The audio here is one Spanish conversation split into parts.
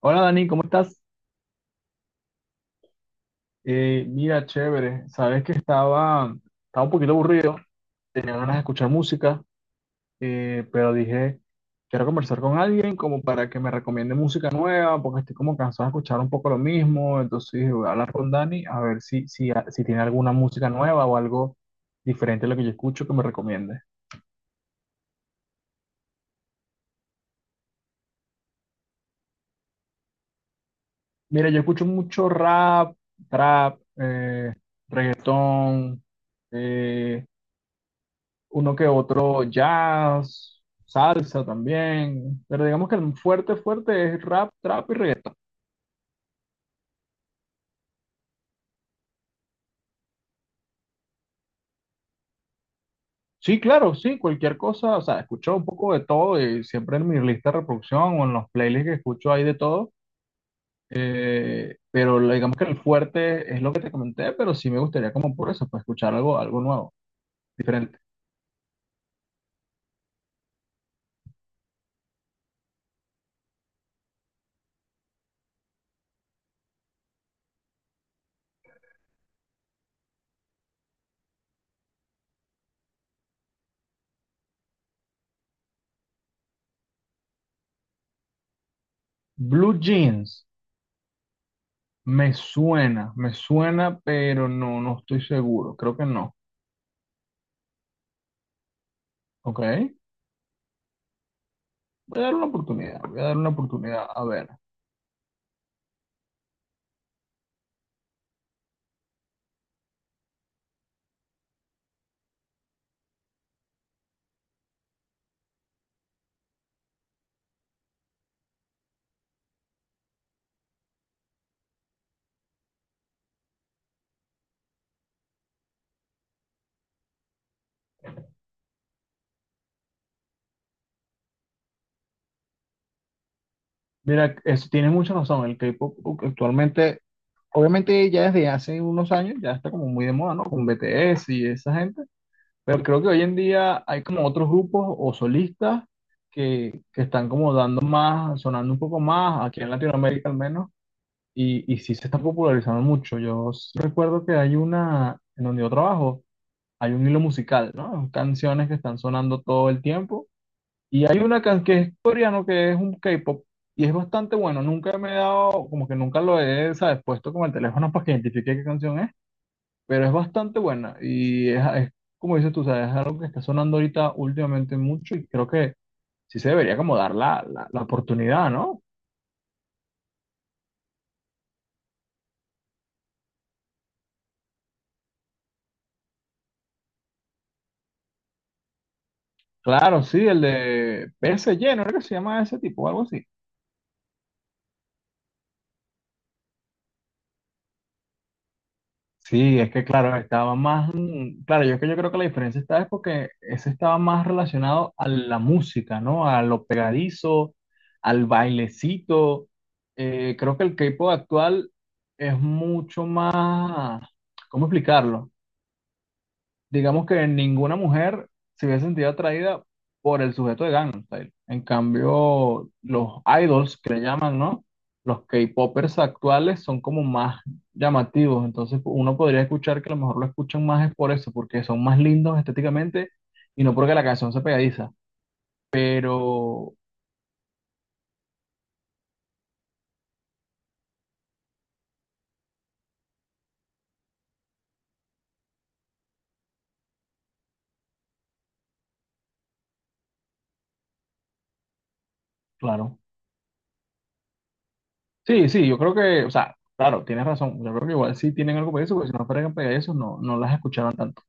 Hola Dani, ¿cómo estás? Mira, chévere. Sabes que estaba un poquito aburrido, tenía ganas de escuchar música, pero dije, quiero conversar con alguien como para que me recomiende música nueva, porque estoy como cansado de escuchar un poco lo mismo. Entonces dije, voy a hablar con Dani a ver si tiene alguna música nueva o algo diferente a lo que yo escucho que me recomiende. Mira, yo escucho mucho rap, trap, reggaetón, eh, uno que otro jazz, salsa también, pero digamos que el fuerte es rap, trap y reggaetón. Sí, claro, sí, cualquier cosa, o sea, escucho un poco de todo y siempre en mi lista de reproducción o en los playlists que escucho hay de todo, pero digamos que el fuerte es lo que te comenté, pero sí me gustaría como por eso, pues escuchar algo, algo nuevo, diferente. Blue Jeans, me suena, pero no, no estoy seguro, creo que no, ¿ok? Voy a dar una oportunidad, voy a dar una oportunidad, a ver. Mira, es, tienes mucha razón. El K-pop actualmente, obviamente ya desde hace unos años, ya está como muy de moda, ¿no? Con BTS y esa gente. Pero creo que hoy en día hay como otros grupos o solistas que están como dando más, sonando un poco más, aquí en Latinoamérica al menos, y sí se está popularizando mucho. Yo recuerdo que hay una, en donde yo trabajo, hay un hilo musical, ¿no? Canciones que están sonando todo el tiempo y hay una canción que es coreano, que es un K-pop, y es bastante bueno. Nunca me he dado, como que nunca lo he, ¿sabes? Puesto con el teléfono para que identifique qué canción es, pero es bastante buena. Y es como dices tú, ¿sabes? Es algo que está sonando ahorita últimamente mucho y creo que sí se debería como dar la oportunidad, ¿no? Claro, sí, el de PSG, ¿no? Creo que se llama ese tipo o algo así. Sí, es que claro, estaba más, claro, yo creo que la diferencia está es porque ese estaba más relacionado a la música, ¿no? A lo pegadizo, al bailecito. Creo que el K-pop actual es mucho más, ¿cómo explicarlo? Digamos que ninguna mujer se hubiese sentido atraída por el sujeto de Gangnam Style. En cambio, los idols que le llaman, ¿no? Los K-popers actuales son como más llamativos, entonces uno podría escuchar que a lo mejor lo escuchan más es por eso, porque son más lindos estéticamente y no porque la canción sea pegadiza. Pero, claro. Sí, sí, yo creo que, o sea, claro, tienes razón. Yo creo que igual sí tienen algo eso, porque si no fueran pegadizos no, no las escuchaban tanto.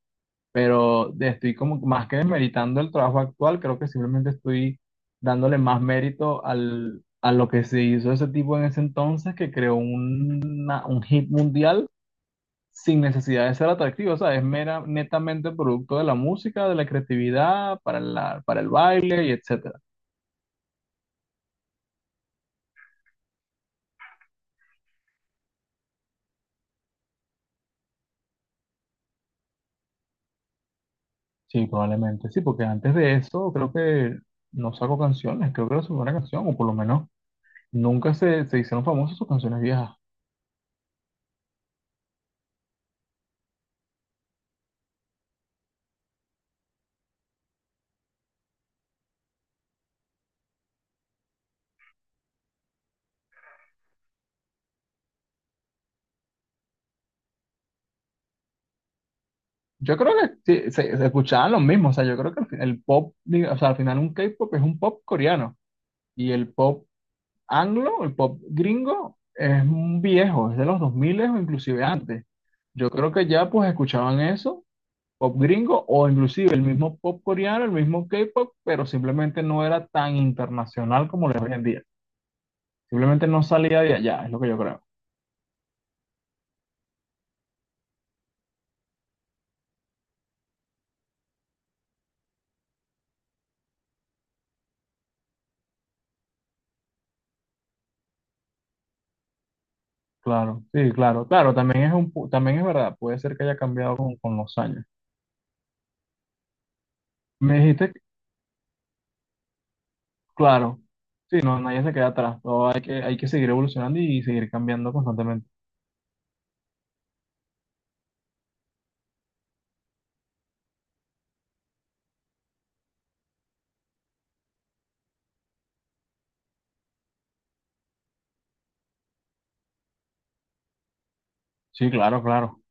Pero estoy como más que demeritando el trabajo actual, creo que simplemente estoy dándole más mérito al, a lo que se hizo ese tipo en ese entonces, que creó un hit mundial sin necesidad de ser atractivo, o sea, es mera, netamente producto de la música, de la creatividad, para la, para el baile y etcétera. Sí, probablemente, sí, porque antes de eso creo que no sacó canciones, creo que era su primera canción, o por lo menos nunca se hicieron famosas sus canciones viejas. Yo creo que sí, se escuchaban los mismos, o sea, yo creo que al el pop, o sea, al final un K-pop es un pop coreano y el pop anglo, el pop gringo es un viejo, es de los 2000 o inclusive antes. Yo creo que ya pues escuchaban eso, pop gringo o inclusive el mismo pop coreano, el mismo K-pop, pero simplemente no era tan internacional como lo es hoy en día. Simplemente no salía de allá, es lo que yo creo. Claro, sí, claro, claro, también es un, también es verdad, puede ser que haya cambiado con los años. Me dijiste claro, sí, no, nadie se queda atrás, todo hay que seguir evolucionando y seguir cambiando constantemente. Sí, claro, claro,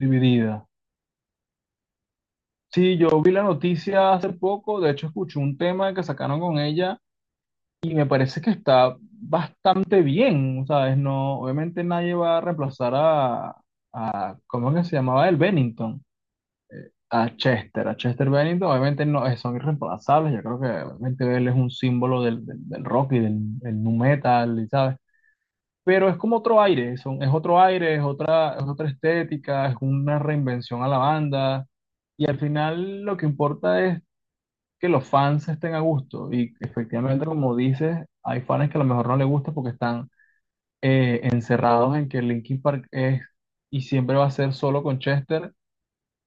dividida. Sí, yo vi la noticia hace poco, de hecho escuché un tema que sacaron con ella y me parece que está bastante bien, ¿sabes? No, obviamente nadie va a reemplazar a, ¿cómo es que se llamaba? El Bennington, a Chester Bennington, obviamente no, son irreemplazables, yo creo que obviamente él es un símbolo del rock y del nu metal, ¿sabes? Pero es como otro aire, son, es otro aire, es otra estética, es una reinvención a la banda y al final lo que importa es que los fans estén a gusto y efectivamente como dices, hay fans que a lo mejor no les gusta porque están encerrados en que Linkin Park es y siempre va a ser solo con Chester,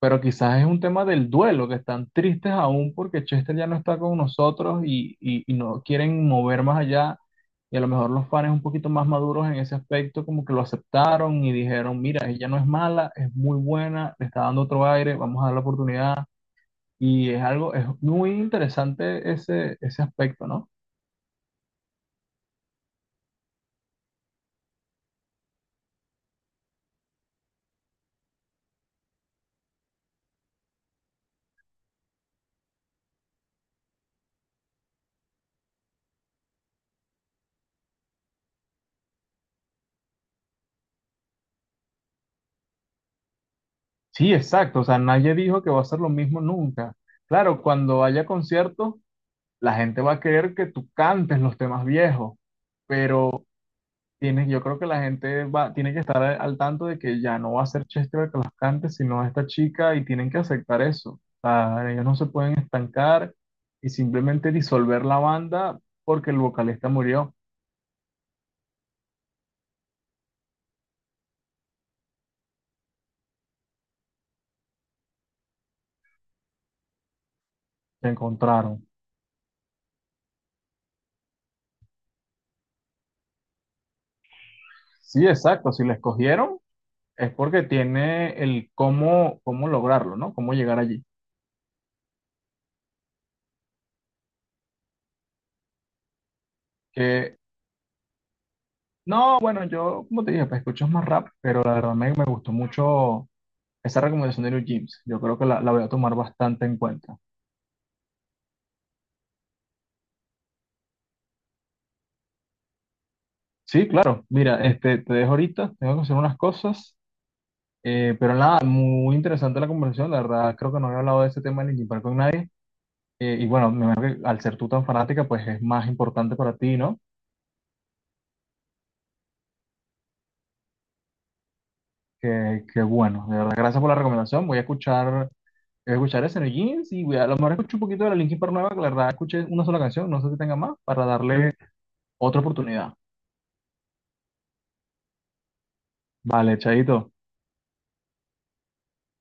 pero quizás es un tema del duelo, que están tristes aún porque Chester ya no está con nosotros y no quieren mover más allá. Y a lo mejor los fans un poquito más maduros en ese aspecto, como que lo aceptaron y dijeron, mira, ella no es mala, es muy buena, le está dando otro aire, vamos a dar la oportunidad. Y es algo, es muy interesante ese, ese aspecto, ¿no? Sí, exacto, o sea, nadie dijo que va a ser lo mismo nunca. Claro, cuando haya conciertos, la gente va a querer que tú cantes los temas viejos. Pero tienes, yo creo que la gente va, tiene que estar al tanto de que ya no va a ser Chester el que las cante, sino esta chica, y tienen que aceptar eso. O sea, ellos no se pueden estancar y simplemente disolver la banda porque el vocalista murió, se encontraron. Sí, exacto, si la escogieron es porque tiene el cómo, cómo lograrlo, ¿no? Cómo llegar allí. Que, no, bueno, yo, como te dije, pues escucho más rap, pero la verdad me gustó mucho esa recomendación de New Jeans. Yo creo que la voy a tomar bastante en cuenta. Sí, claro. Mira, este, te dejo ahorita, tengo que hacer unas cosas, pero nada, muy interesante la conversación. La verdad, creo que no había hablado de este tema del Linkin Park con nadie. Y bueno, me imagino que al ser tú tan fanática, pues es más importante para ti, ¿no? Que bueno, de verdad, gracias por la recomendación. Voy a escuchar eso en el jeans y voy a lo mejor escucho un poquito de la Linkin Park nueva, que la verdad escuché una sola canción, no sé si tenga más, para darle otra oportunidad. Vale, chaito.